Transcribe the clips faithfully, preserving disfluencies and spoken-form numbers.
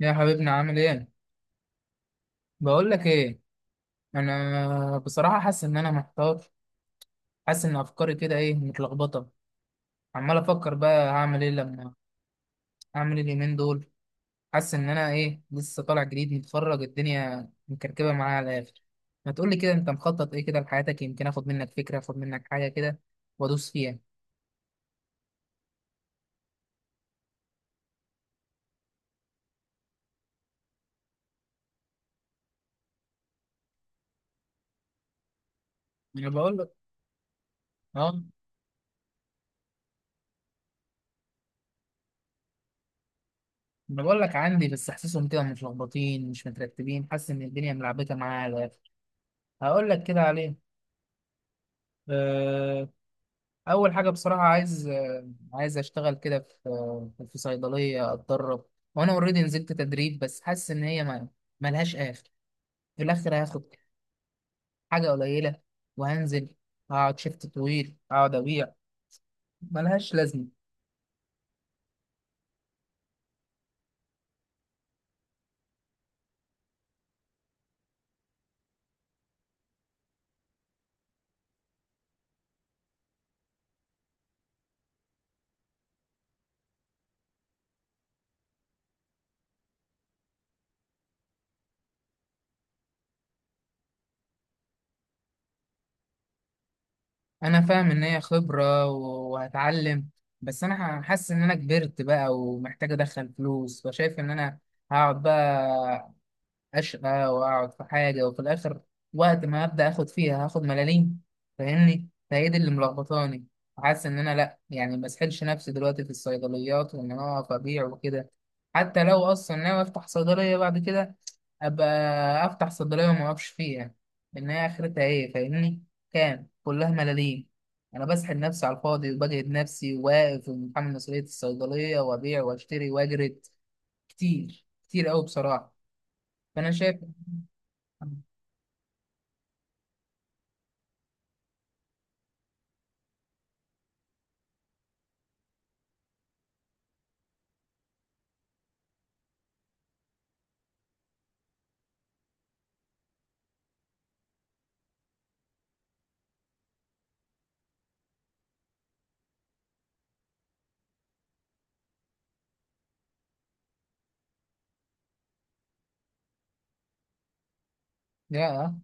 يا حبيبنا عامل ايه؟ بقول لك ايه. انا بصراحة حاسس ان انا محتار. حاسس ان افكاري كده ايه متلخبطة. عمال افكر بقى هعمل ايه لما هعمل ايه اليومين دول. حاسس ان انا ايه لسه طالع جديد متخرج، الدنيا مكركبة معايا على الاخر. ما تقولي كده انت مخطط ايه كده لحياتك، يمكن اخد منك فكرة اخد منك حاجة كده وادوس فيها. انا بقول لك. اه. انا بقول لك عندي بس حاسسهم كده متلخبطين مش مترتبين، حاسس ان الدنيا ملعبكة معايا على الاخر. هقول لك كده عليه. آه، اول حاجه بصراحه عايز آه، عايز اشتغل كده في آه، في صيدليه اتدرب. وانا اوريدي نزلت تدريب بس حاسس ان هي ما ملهاش اخر. في الاخر هاخد حاجه قليله وهنزل، هقعد شيفت طويل اقعد ابيع، ملهاش لازمه. انا فاهم ان هي خبره و- وهتعلم، بس انا ح- حاسس ان انا كبرت بقى ومحتاج ادخل فلوس، فشايف ان انا هقعد بقى أشقى وأقعد في حاجة وفي الآخر وقت ما أبدأ آخد فيها هاخد ملاليم، فاهمني. فهي دي اللي ملخبطاني. حاسس إن أنا لأ يعني مسحلش نفسي دلوقتي في الصيدليات وإن أنا أقف أبيع وكده. حتى لو أصلا ناوي أفتح صيدلية بعد كده أبقى أفتح صيدلية وما أقفش فيها، لأن هي آخرتها إيه؟ فاهمني. كام؟ كلها ملاليم. أنا بسحل نفسي على الفاضي وبجهد نفسي واقف ومتحمل مسؤولية الصيدلية وأبيع وأشتري وأجرد كتير كتير أوي بصراحة. فأنا شايف. يا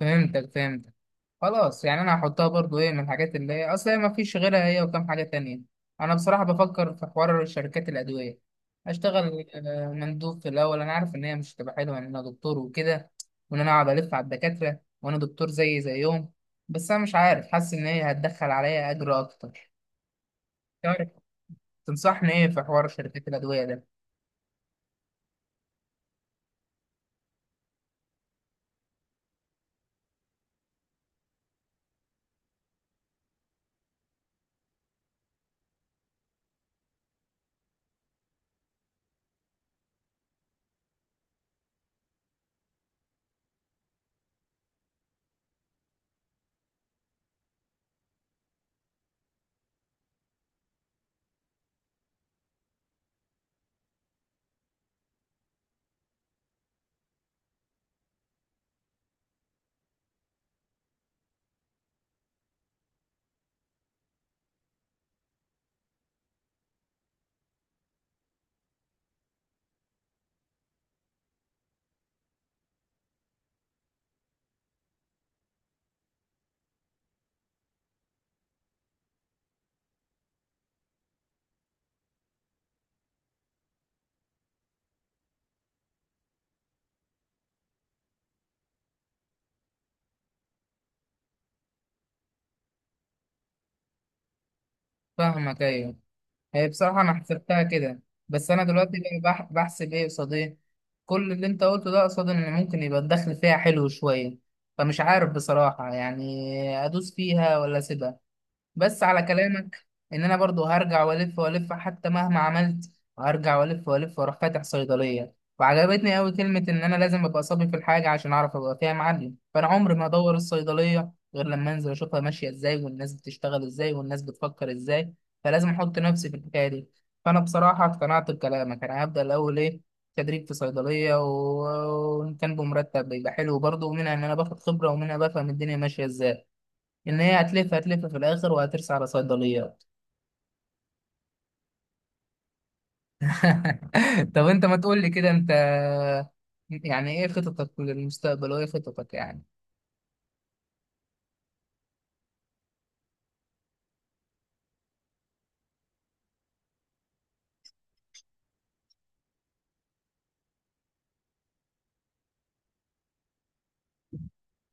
فهمتك فهمتك. خلاص يعني انا هحطها برضو ايه من الحاجات، اللي هي اصل هي ما فيش غيرها، هي وكم حاجة تانية. انا بصراحة بفكر في حوار شركات الادوية، اشتغل آه، مندوب في الاول. انا عارف ان هي مش هتبقى حلوة ان انا دكتور وكده، وان انا اقعد الف على الدكاترة وانا دكتور زي زيهم، بس انا مش عارف، حاسس ان هي هتدخل عليا اجر اكتر. تعرف، تنصحني ايه في حوار شركات الادوية ده؟ فاهمك، ايوه. هي بصراحة أنا حسبتها كده، بس أنا دلوقتي بقى بح- بحسب إيه قصاد إيه. كل اللي أنت قلته ده قصاد إن ممكن يبقى الدخل فيها حلو شوية. فمش عارف بصراحة يعني، أدوس فيها ولا أسيبها. بس على كلامك ان انا برضو هرجع والف والف حتى مهما عملت، هرجع والف والف واروح فاتح صيدليه. وعجبتني قوي كلمه ان انا لازم ابقى صبي في الحاجه عشان اعرف ابقى فيها معلم، فانا عمري ما ادور الصيدليه غير لما انزل اشوفها ماشيه ازاي والناس بتشتغل ازاي والناس بتفكر ازاي. فلازم احط نفسي في الحكايه دي. فانا بصراحه اقتنعت بكلامك، انا هبدا الاول ايه تدريب في صيدليه، و- وان كان بمرتب بيبقى حلو برضه، ومنها ان انا باخد خبره ومنها بفهم الدنيا ماشيه ازاي، ان هي هتلف هتلف في الاخر وهترسى على صيدليات. طب انت ما تقول لي كده، انت يعني ايه خططك للمستقبل وايه خططك يعني؟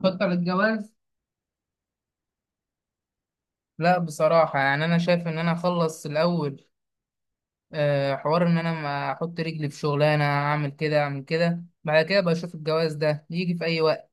خطة للجواز؟ لا بصراحة يعني انا شايف ان انا اخلص الاول آه، حوار ان انا ما احط رجلي في شغلانة، اعمل كده اعمل كده، بعد كده بشوف الجواز ده يجي في اي وقت.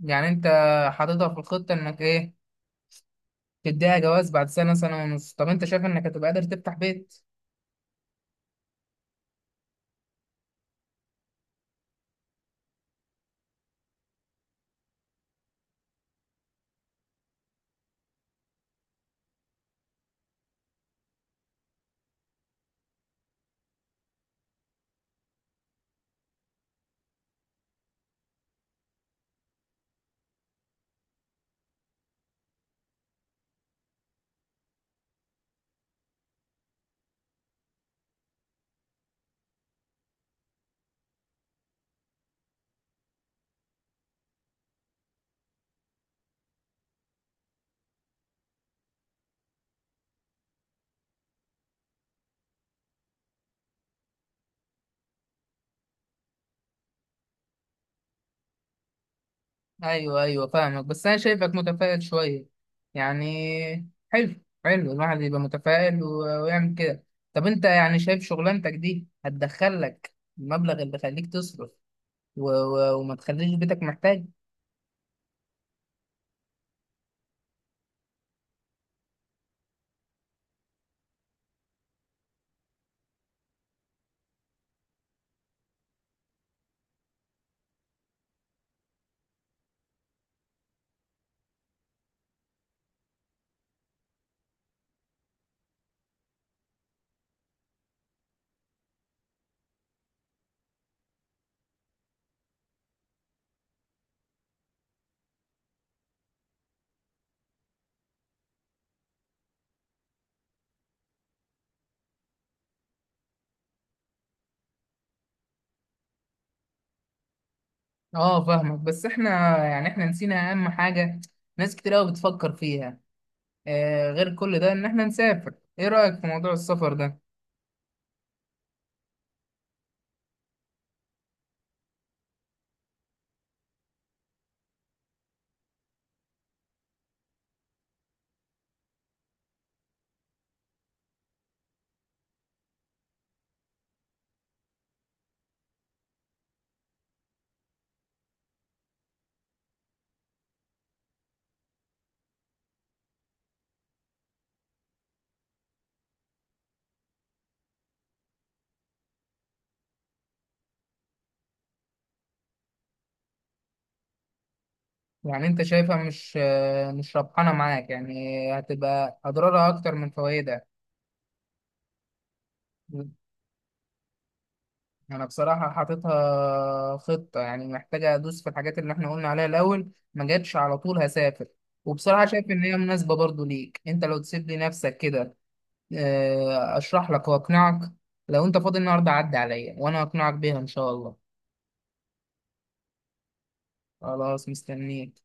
يعني انت حاططها في الخطة انك ايه تديها جواز بعد سنة سنة ونص؟ طب انت شايف انك هتبقى قادر تفتح بيت؟ ايوه ايوه فاهمك، بس انا شايفك متفائل شويه. يعني حلو، حلو الواحد يبقى متفائل و- ويعمل كده. طب انت يعني شايف شغلانتك دي هتدخلك المبلغ اللي يخليك تصرف و... و... وما تخليش بيتك محتاج؟ اه فاهمك، بس احنا يعني احنا نسينا اهم حاجه ناس كتير قوي بتفكر فيها آه غير كل ده، ان احنا نسافر. ايه رايك في موضوع السفر ده؟ يعني انت شايفها مش آه مش ربحانه معاك يعني، هتبقى اضرارها اكتر من فوائدها؟ انا بصراحة حاططها خطة، يعني محتاجة ادوس في الحاجات اللي احنا قلنا عليها الاول، ما جاتش على طول هسافر. وبصراحة شايف ان هي مناسبة برضو ليك انت، لو تسيب لي نفسك كده آه، اشرح لك واقنعك. لو انت فاضي النهاردة عدي عليا وانا اقنعك بيها ان شاء الله. خلاص مستنيك.